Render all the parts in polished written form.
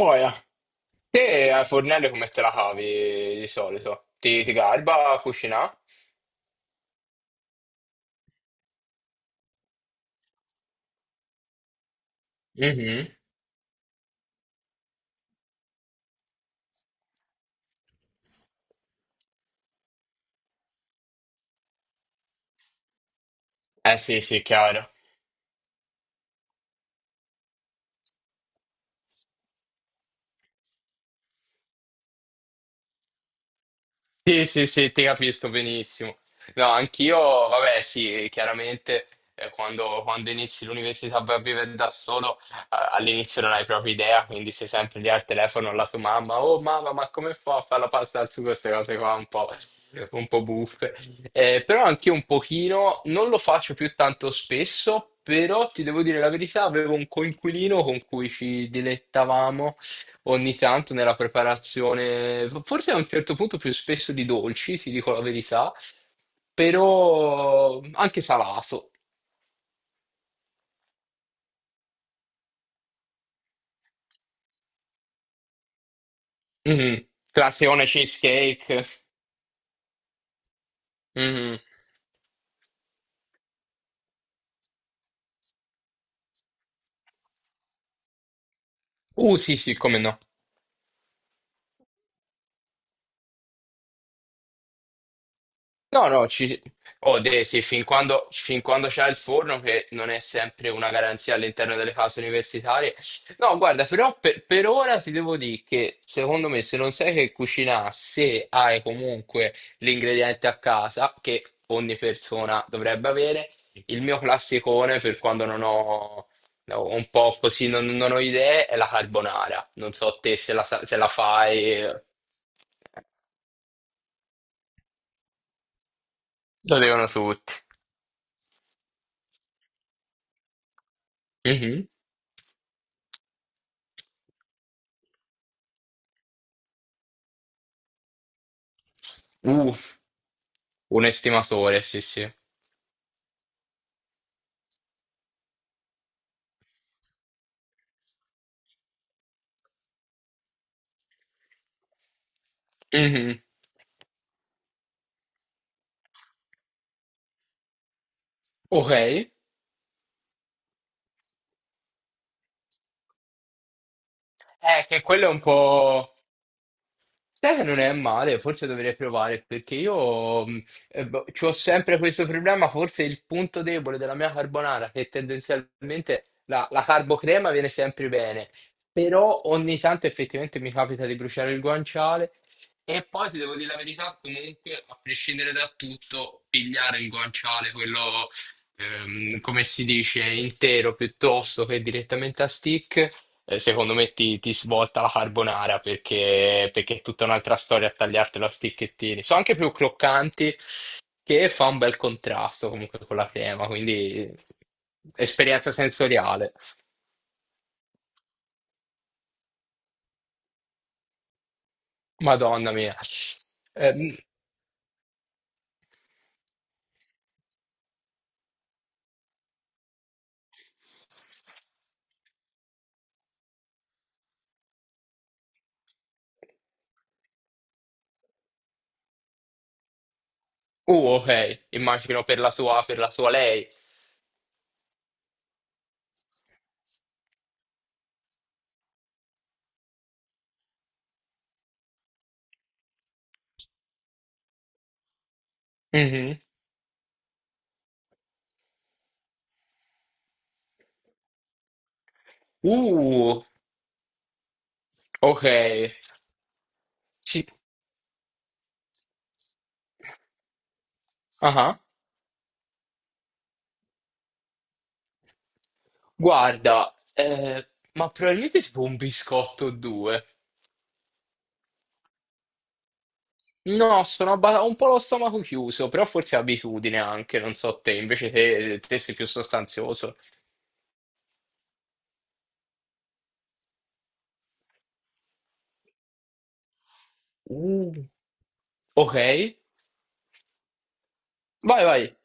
Boia, te a fornello come te la cavi di solito? Ti garba a cucinare? Mhm. Eh sì, sì, chiaro. Sì, sì, sì, ti capisco benissimo. No, anch'io, vabbè, sì, chiaramente quando inizi l'università vai a vivere da solo, all'inizio non hai proprio idea, quindi sei sempre lì al telefono alla tua mamma, oh mamma, ma come fa a fare la pasta al sugo, queste cose qua un po' buffe. Però anch'io un pochino, non lo faccio più tanto spesso, però ti devo dire la verità, avevo un coinquilino con cui ci dilettavamo ogni tanto nella preparazione, forse a un certo punto più spesso di dolci, ti dico la verità, però anche salato. Mhm. Classione cheesecake. Mhm. Sì, sì, come no. No, no, ci... sì, fin quando c'è il forno, che non è sempre una garanzia all'interno delle case universitarie. No, guarda, per ora ti devo dire che secondo me se non sai che cucinare, se hai comunque l'ingrediente a casa, che ogni persona dovrebbe avere, il mio classicone per quando non ho, ho un po' così, non ho idee, è la carbonara. Non so te se se la fai, lo devono tutti. Mhm. Uh, un estimatore, sì, sì. Mhm. Ok. Che quello è un po'. Sai che non è male, forse dovrei provare perché io ci ho sempre questo problema, forse il punto debole della mia carbonara, che tendenzialmente la carbocrema viene sempre bene, però ogni tanto effettivamente mi capita di bruciare il guanciale e poi ti devo dire la verità, comunque a prescindere da tutto, pigliare il guanciale, quello come si dice, intero piuttosto che direttamente a stick, secondo me ti svolta la carbonara perché è tutta un'altra storia a tagliartela a sticchettini. Sono anche più croccanti, che fa un bel contrasto comunque con la crema, quindi esperienza sensoriale. Madonna mia. Ehm, ok, immagino per per la sua lei. Mhm. Uh, ok. Ci- ah, guarda, ma probabilmente tipo un biscotto o due. No, ho un po' lo stomaco chiuso, però forse è abitudine anche, non so te, invece te sei più sostanzioso. Uh. Ok, vai, vai.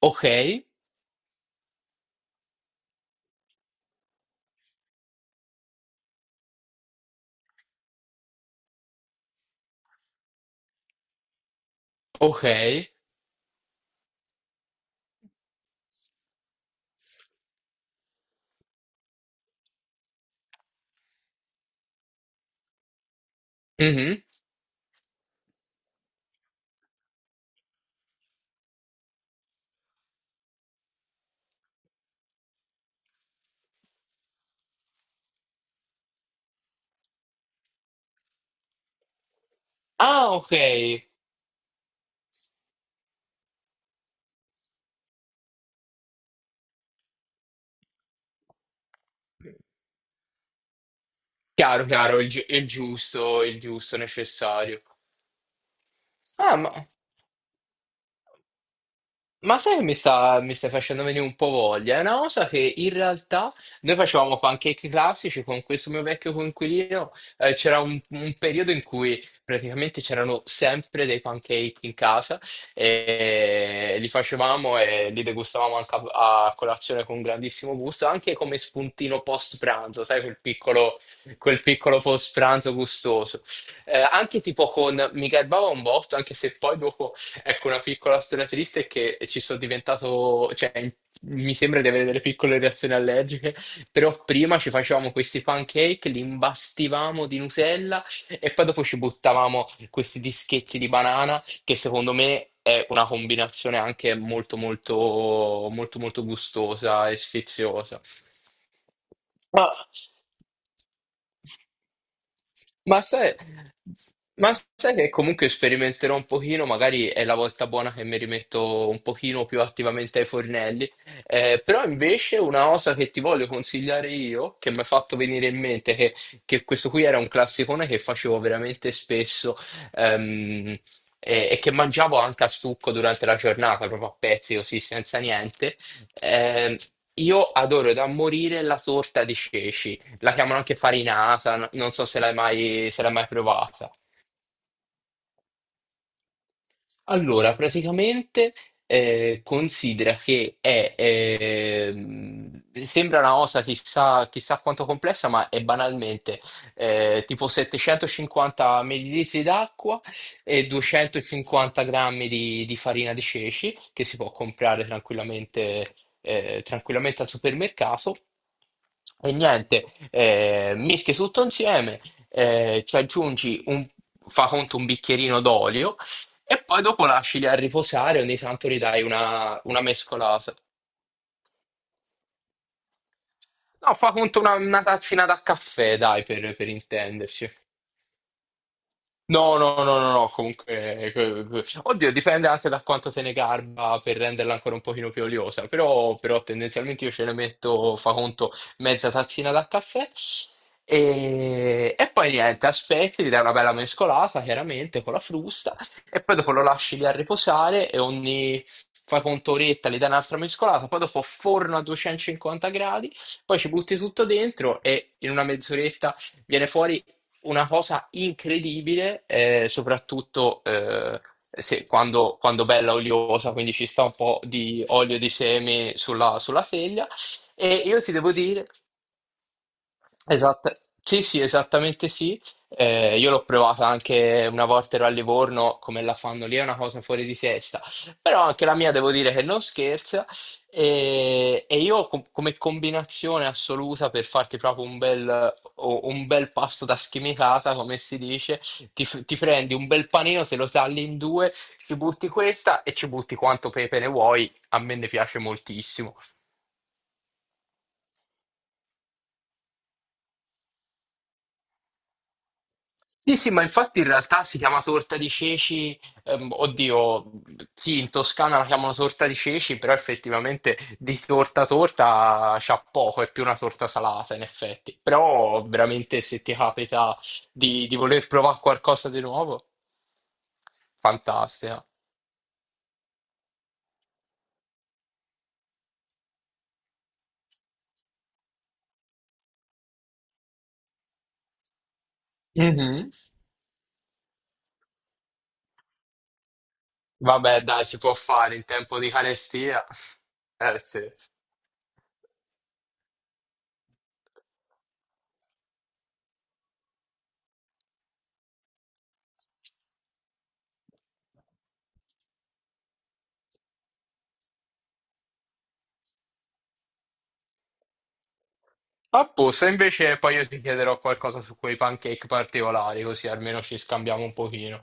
Ok, ok. Mhm. Ah, ok. Chiaro, chiaro, il giusto necessario. Ah, ma Ma sai che mi stai facendo venire un po' voglia? È una cosa che in realtà noi facevamo pancake classici con questo mio vecchio coinquilino. Un periodo in cui praticamente c'erano sempre dei pancake in casa e li facevamo e li degustavamo anche a colazione con grandissimo gusto, anche come spuntino post pranzo, sai, quel piccolo post pranzo gustoso. Anche tipo con, mi garbava un botto, anche se poi dopo ecco, una piccola storia triste è che ci sono diventato, mi sembra di avere delle piccole reazioni allergiche, però prima ci facevamo questi pancake, li imbastivamo di Nutella e poi dopo ci buttavamo questi dischetti di banana, che secondo me è una combinazione anche molto molto molto molto gustosa e sfiziosa. Ma, ma sai, ma sai che comunque sperimenterò un pochino, magari è la volta buona che mi rimetto un pochino più attivamente ai fornelli. Però invece una cosa che ti voglio consigliare io, che mi ha fatto venire che questo qui era un classicone che facevo veramente spesso, ehm, e che mangiavo anche a stucco durante la giornata, proprio a pezzi così, senza niente, eh, io adoro da morire la torta di ceci, la chiamano anche farinata, non so se l'hai mai provata. Allora, praticamente considera che è, sembra una cosa chissà quanto complessa, ma è banalmente tipo 750 millilitri d'acqua e 250 grammi di farina di ceci, che si può comprare tranquillamente, tranquillamente al supermercato. E niente, mischi tutto insieme, ci aggiungi fa conto un bicchierino d'olio e poi dopo lasci lì a riposare, ogni tanto gli dai una mescolata. No, fa conto una tazzina da caffè, dai, per intenderci. No, no, no, no, no, comunque, oddio, dipende anche da quanto se ne garba per renderla ancora un pochino più oliosa, però tendenzialmente io ce ne metto, fa conto, mezza tazzina da caffè e poi niente, aspetti, gli dai una bella mescolata, chiaramente, con la frusta e poi dopo lo lasci lì a riposare e ogni, fai conto, oretta, gli dai un'altra mescolata, poi dopo forno a 250 gradi, poi ci butti tutto dentro e in una mezz'oretta viene fuori una cosa incredibile, soprattutto quando bella oliosa, quindi ci sta un po' di olio di semi sulla teglia. E io ti devo dire esatta- sì, sì, esattamente sì. Io l'ho provata anche una volta ero a Livorno, come la fanno lì, è una cosa fuori di testa. Però anche la mia devo dire che non scherza. Io come combinazione assoluta per farti proprio un bel, un bel pasto da schimitata, come si dice, ti prendi un bel panino, te lo tagli in due, ci butti questa e ci butti quanto pepe ne vuoi. A me ne piace moltissimo. Sì, sì, ma infatti in realtà si chiama torta di ceci, oddio, sì, in Toscana la chiamano torta di ceci, però effettivamente di torta torta c'ha poco, è più una torta salata in effetti. Però veramente se ti capita di voler provare qualcosa di nuovo, fantastica. Mhm. Vabbè, dai, si può fare in tempo di carestia. Eh sì. A posto, invece poi io ti chiederò qualcosa su quei pancake particolari, così almeno ci scambiamo un pochino.